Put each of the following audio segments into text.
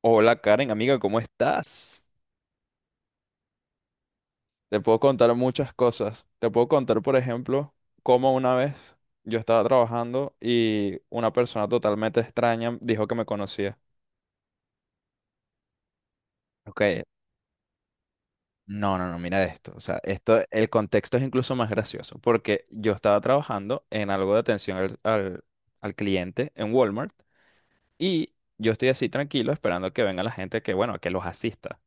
Hola Karen, amiga, ¿cómo estás? Te puedo contar muchas cosas. Te puedo contar, por ejemplo, cómo una vez yo estaba trabajando y una persona totalmente extraña dijo que me conocía. Ok, no, no, no, mira esto. O sea, esto, el contexto es incluso más gracioso, porque yo estaba trabajando en algo de atención al cliente en Walmart y yo estoy así tranquilo esperando que venga la gente que, bueno, que los asista.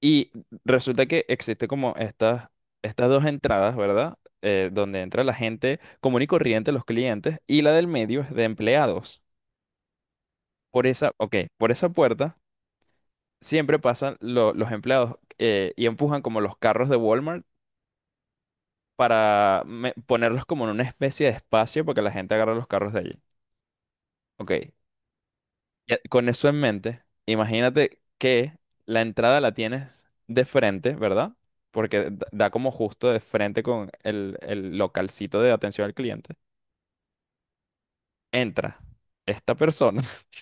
Y resulta que existe como estas dos entradas, ¿verdad? Donde entra la gente común y corriente, los clientes, y la del medio es de empleados. Por esa, ok, por esa puerta siempre pasan los empleados, y empujan como los carros de Walmart para ponerlos como en una especie de espacio para que la gente agarre los carros de allí. Ok, ya, con eso en mente, imagínate que la entrada la tienes de frente, ¿verdad? Porque da como justo de frente con el localcito de atención al cliente. Entra esta persona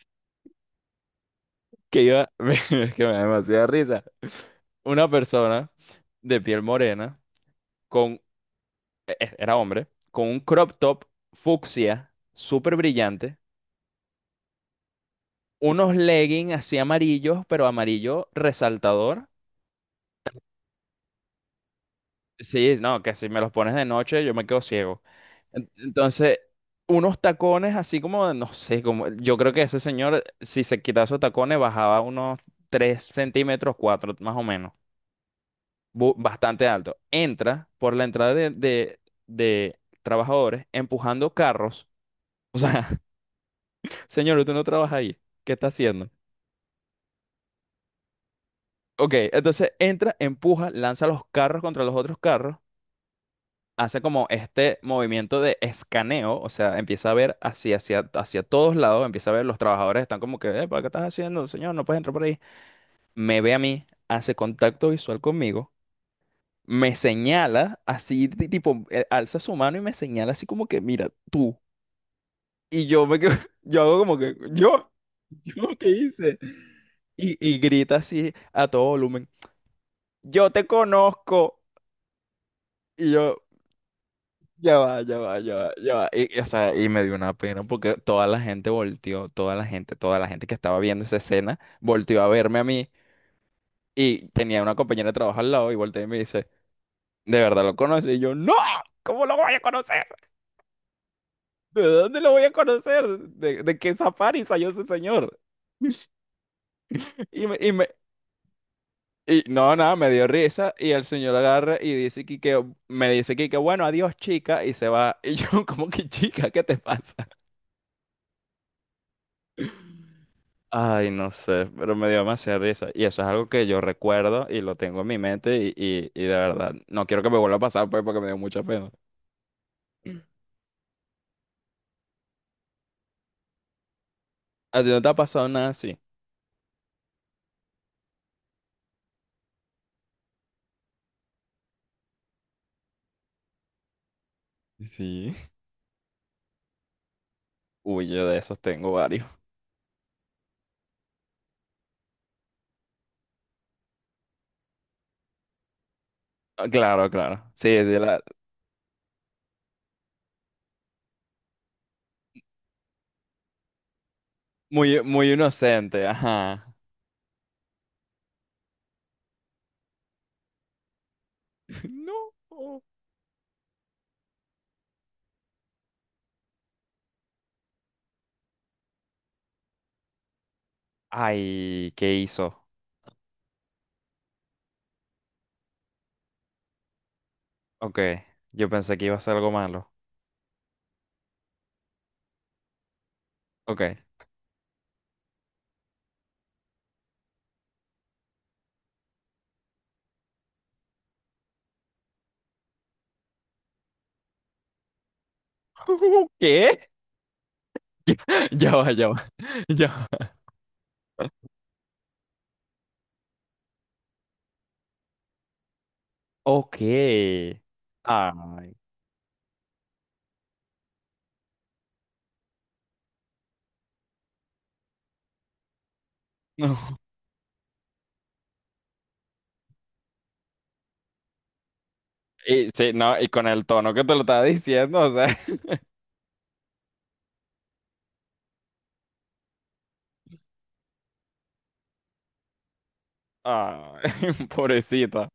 que iba, es que me da demasiada risa. Una persona de piel morena, con, era hombre, con un crop top fucsia, súper brillante, unos leggings así amarillos, pero amarillo resaltador. Sí, no, que si me los pones de noche yo me quedo ciego. Entonces, unos tacones así como, no sé, como, yo creo que ese señor, si se quitaba esos tacones, bajaba unos 3 centímetros, 4 más o menos, bastante alto. Entra por la entrada de trabajadores empujando carros. O sea, señor, usted no trabaja ahí. ¿Qué está haciendo? Ok, entonces entra, empuja, lanza los carros contra los otros carros. Hace como este movimiento de escaneo, o sea, empieza a ver hacia todos lados, empieza a ver los trabajadores están como que, "Epa, ¿qué estás haciendo, señor? No puedes entrar por ahí". Me ve a mí, hace contacto visual conmigo, me señala así, tipo, alza su mano y me señala así como que, mira, tú. Y yo me quedo, yo hago como que, yo, ¿qué hice? Y grita así a todo volumen, yo te conozco. Y yo, ya va, ya va, ya va, ya va. O sea, y me dio una pena porque toda la gente volteó, toda la gente que estaba viendo esa escena volteó a verme a mí y tenía una compañera de trabajo al lado y volteó y me dice, ¿de verdad lo conoces? Y yo, ¡no! ¿Cómo lo voy a conocer? ¿De dónde lo voy a conocer? De qué safari salió ese señor? Y me, y me- y no, nada, me dio risa y el señor agarra y dice que, me dice que bueno, adiós chica y se va. Y yo como que chica, ¿qué te pasa? Ay, no sé, pero me dio demasiada risa. Y eso es algo que yo recuerdo y lo tengo en mi mente y de verdad, no quiero que me vuelva a pasar pues porque me dio mucha pena. ¿A ti no te ha pasado nada así? Sí. Uy, yo de esos tengo varios. Ah, claro, claro. Sí, sí, muy, muy inocente, ajá. No. Ay, ¿qué hizo? Ok, yo pensé que iba a ser algo malo. Ok. ¿Qué? Ya va, ya va. Ok. Ay, no. Y sí, no, y con el tono que te lo estaba diciendo, o sea, ay, pobrecita.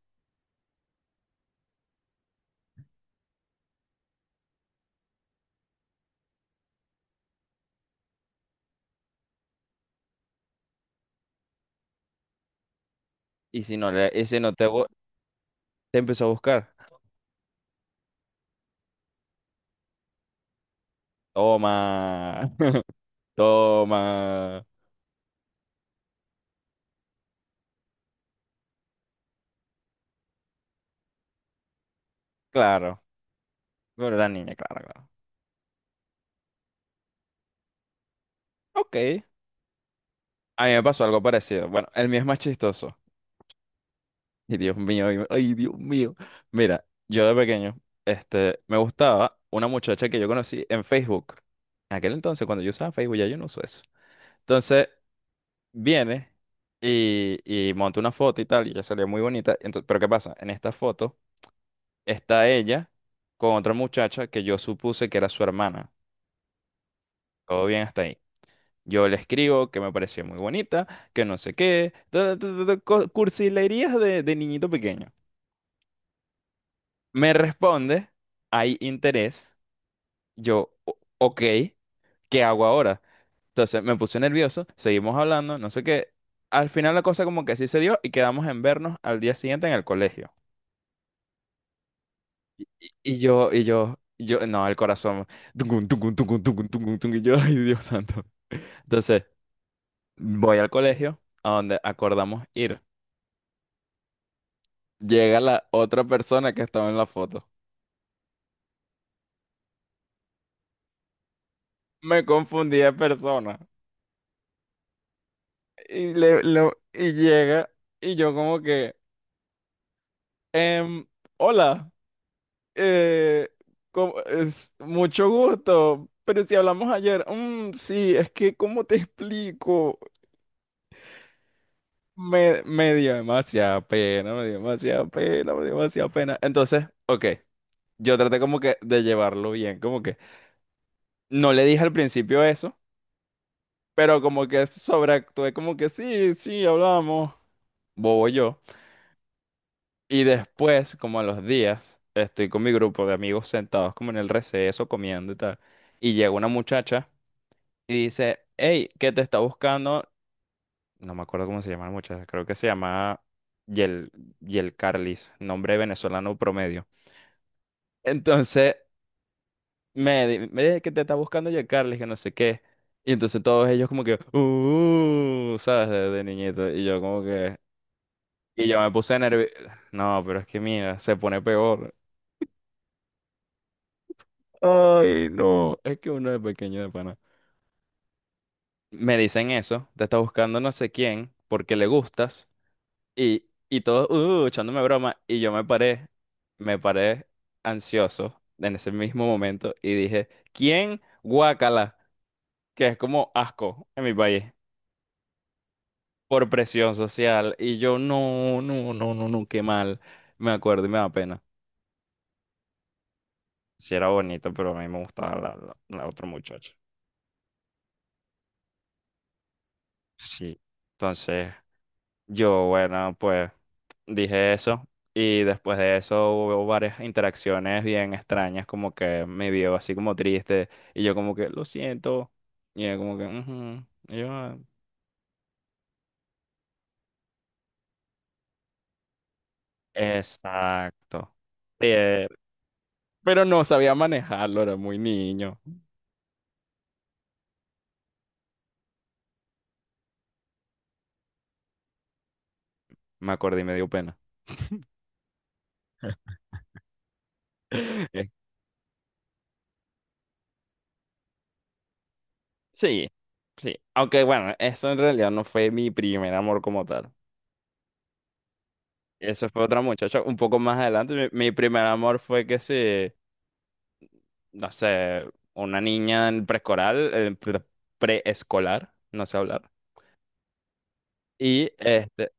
Y si no le, y si no te, te empezó a buscar, toma, toma, claro, pero la niña, claro, claro. Ok, a mí me pasó algo parecido. Bueno, el mío es más chistoso. Y Dios mío, ay, Dios mío. Mira, yo de pequeño, este, me gustaba una muchacha que yo conocí en Facebook. En aquel entonces, cuando yo usaba Facebook, ya yo no uso eso. Entonces, viene y monta una foto y tal, y ella salía muy bonita. Entonces, pero ¿qué pasa? En esta foto está ella con otra muchacha que yo supuse que era su hermana. Todo bien hasta ahí. Yo le escribo que me pareció muy bonita, que no sé qué, ta, ta, ta, ta, cursilerías de niñito pequeño. Me responde, hay interés. Yo, ok, ¿qué hago ahora?" Entonces me puse nervioso, seguimos hablando, no sé qué. Al final la cosa como que sí se dio y quedamos en vernos al día siguiente en el colegio. Y yo, no, el corazón, tungun, tungun, tungun, tungun, tungun, tungun, y yo, ay, Dios santo. Entonces, voy al colegio a donde acordamos ir. Llega la otra persona que estaba en la foto. Me confundí de persona. Y llega, y yo como que, em, hola, eh, ¿cómo es, mucho gusto, pero si hablamos ayer, sí, es que, ¿cómo te explico? Me dio demasiada pena, me dio demasiada pena, me dio demasiada pena. Entonces, ok, yo traté como que de llevarlo bien, como que no le dije al principio eso, pero como que sobreactué, como que sí, sí, hablamos, bobo yo. Y después, como a los días, estoy con mi grupo de amigos sentados como en el receso, comiendo y tal, y llega una muchacha y dice, hey, ¿qué te está buscando? No me acuerdo cómo se llama la muchacha, creo que se llama Yel, Yel Carlis, nombre venezolano promedio. Entonces me dije que te está buscando ya Carly, que no sé qué. Y entonces todos ellos como que, "uh, ¿sabes? De niñito. Y yo como que... Y yo me puse nervioso. No, pero es que mira, se pone peor. Ay, no. Es que uno es pequeño de pana. Me dicen eso, te está buscando no sé quién, porque le gustas. Y todos, "uh, echándome broma. Y yo me paré ansioso en ese mismo momento y dije, ¿quién? Guácala. Que es como asco en mi país, por presión social. Y yo, no, no, no, no, no, qué mal. Me acuerdo y me da pena. Sí era bonito, pero a mí me gustaba la otra muchacha. Sí. Entonces, yo, bueno, pues dije eso. Y después de eso hubo varias interacciones bien extrañas, como que me vio así como triste. Y yo como que, lo siento. Y ella como que, "ujú". Y yo, "ah". Exacto. Eh, pero no sabía manejarlo, era muy niño. Me acordé y me dio pena. Eh, Sí, sí. Aunque bueno, eso en realidad no fue mi primer amor como tal. Eso fue otra muchacha un poco más adelante. Mi primer amor fue que se, no sé, una niña en preescolar, preescolar, no sé hablar. Y este,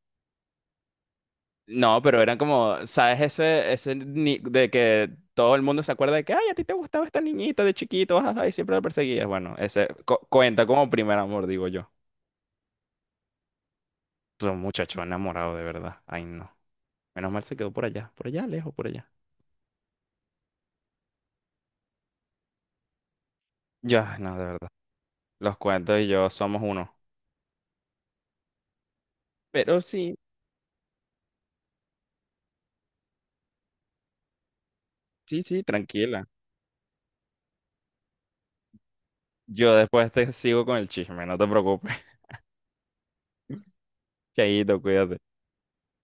no, pero eran como, ¿sabes? Ese de que todo el mundo se acuerda de que, ay, a ti te gustaba esta niñita de chiquito, ajá, y siempre la perseguías. Bueno, ese cuenta como primer amor, digo yo. Son muchachos enamorados, de verdad. Ay, no. Menos mal se quedó por allá, lejos, por allá. Ya, no, de verdad. Los cuentos y yo somos uno. Pero sí, sí, sí, tranquila. Yo después te sigo con el chisme, no te preocupes. Chaito, cuídate.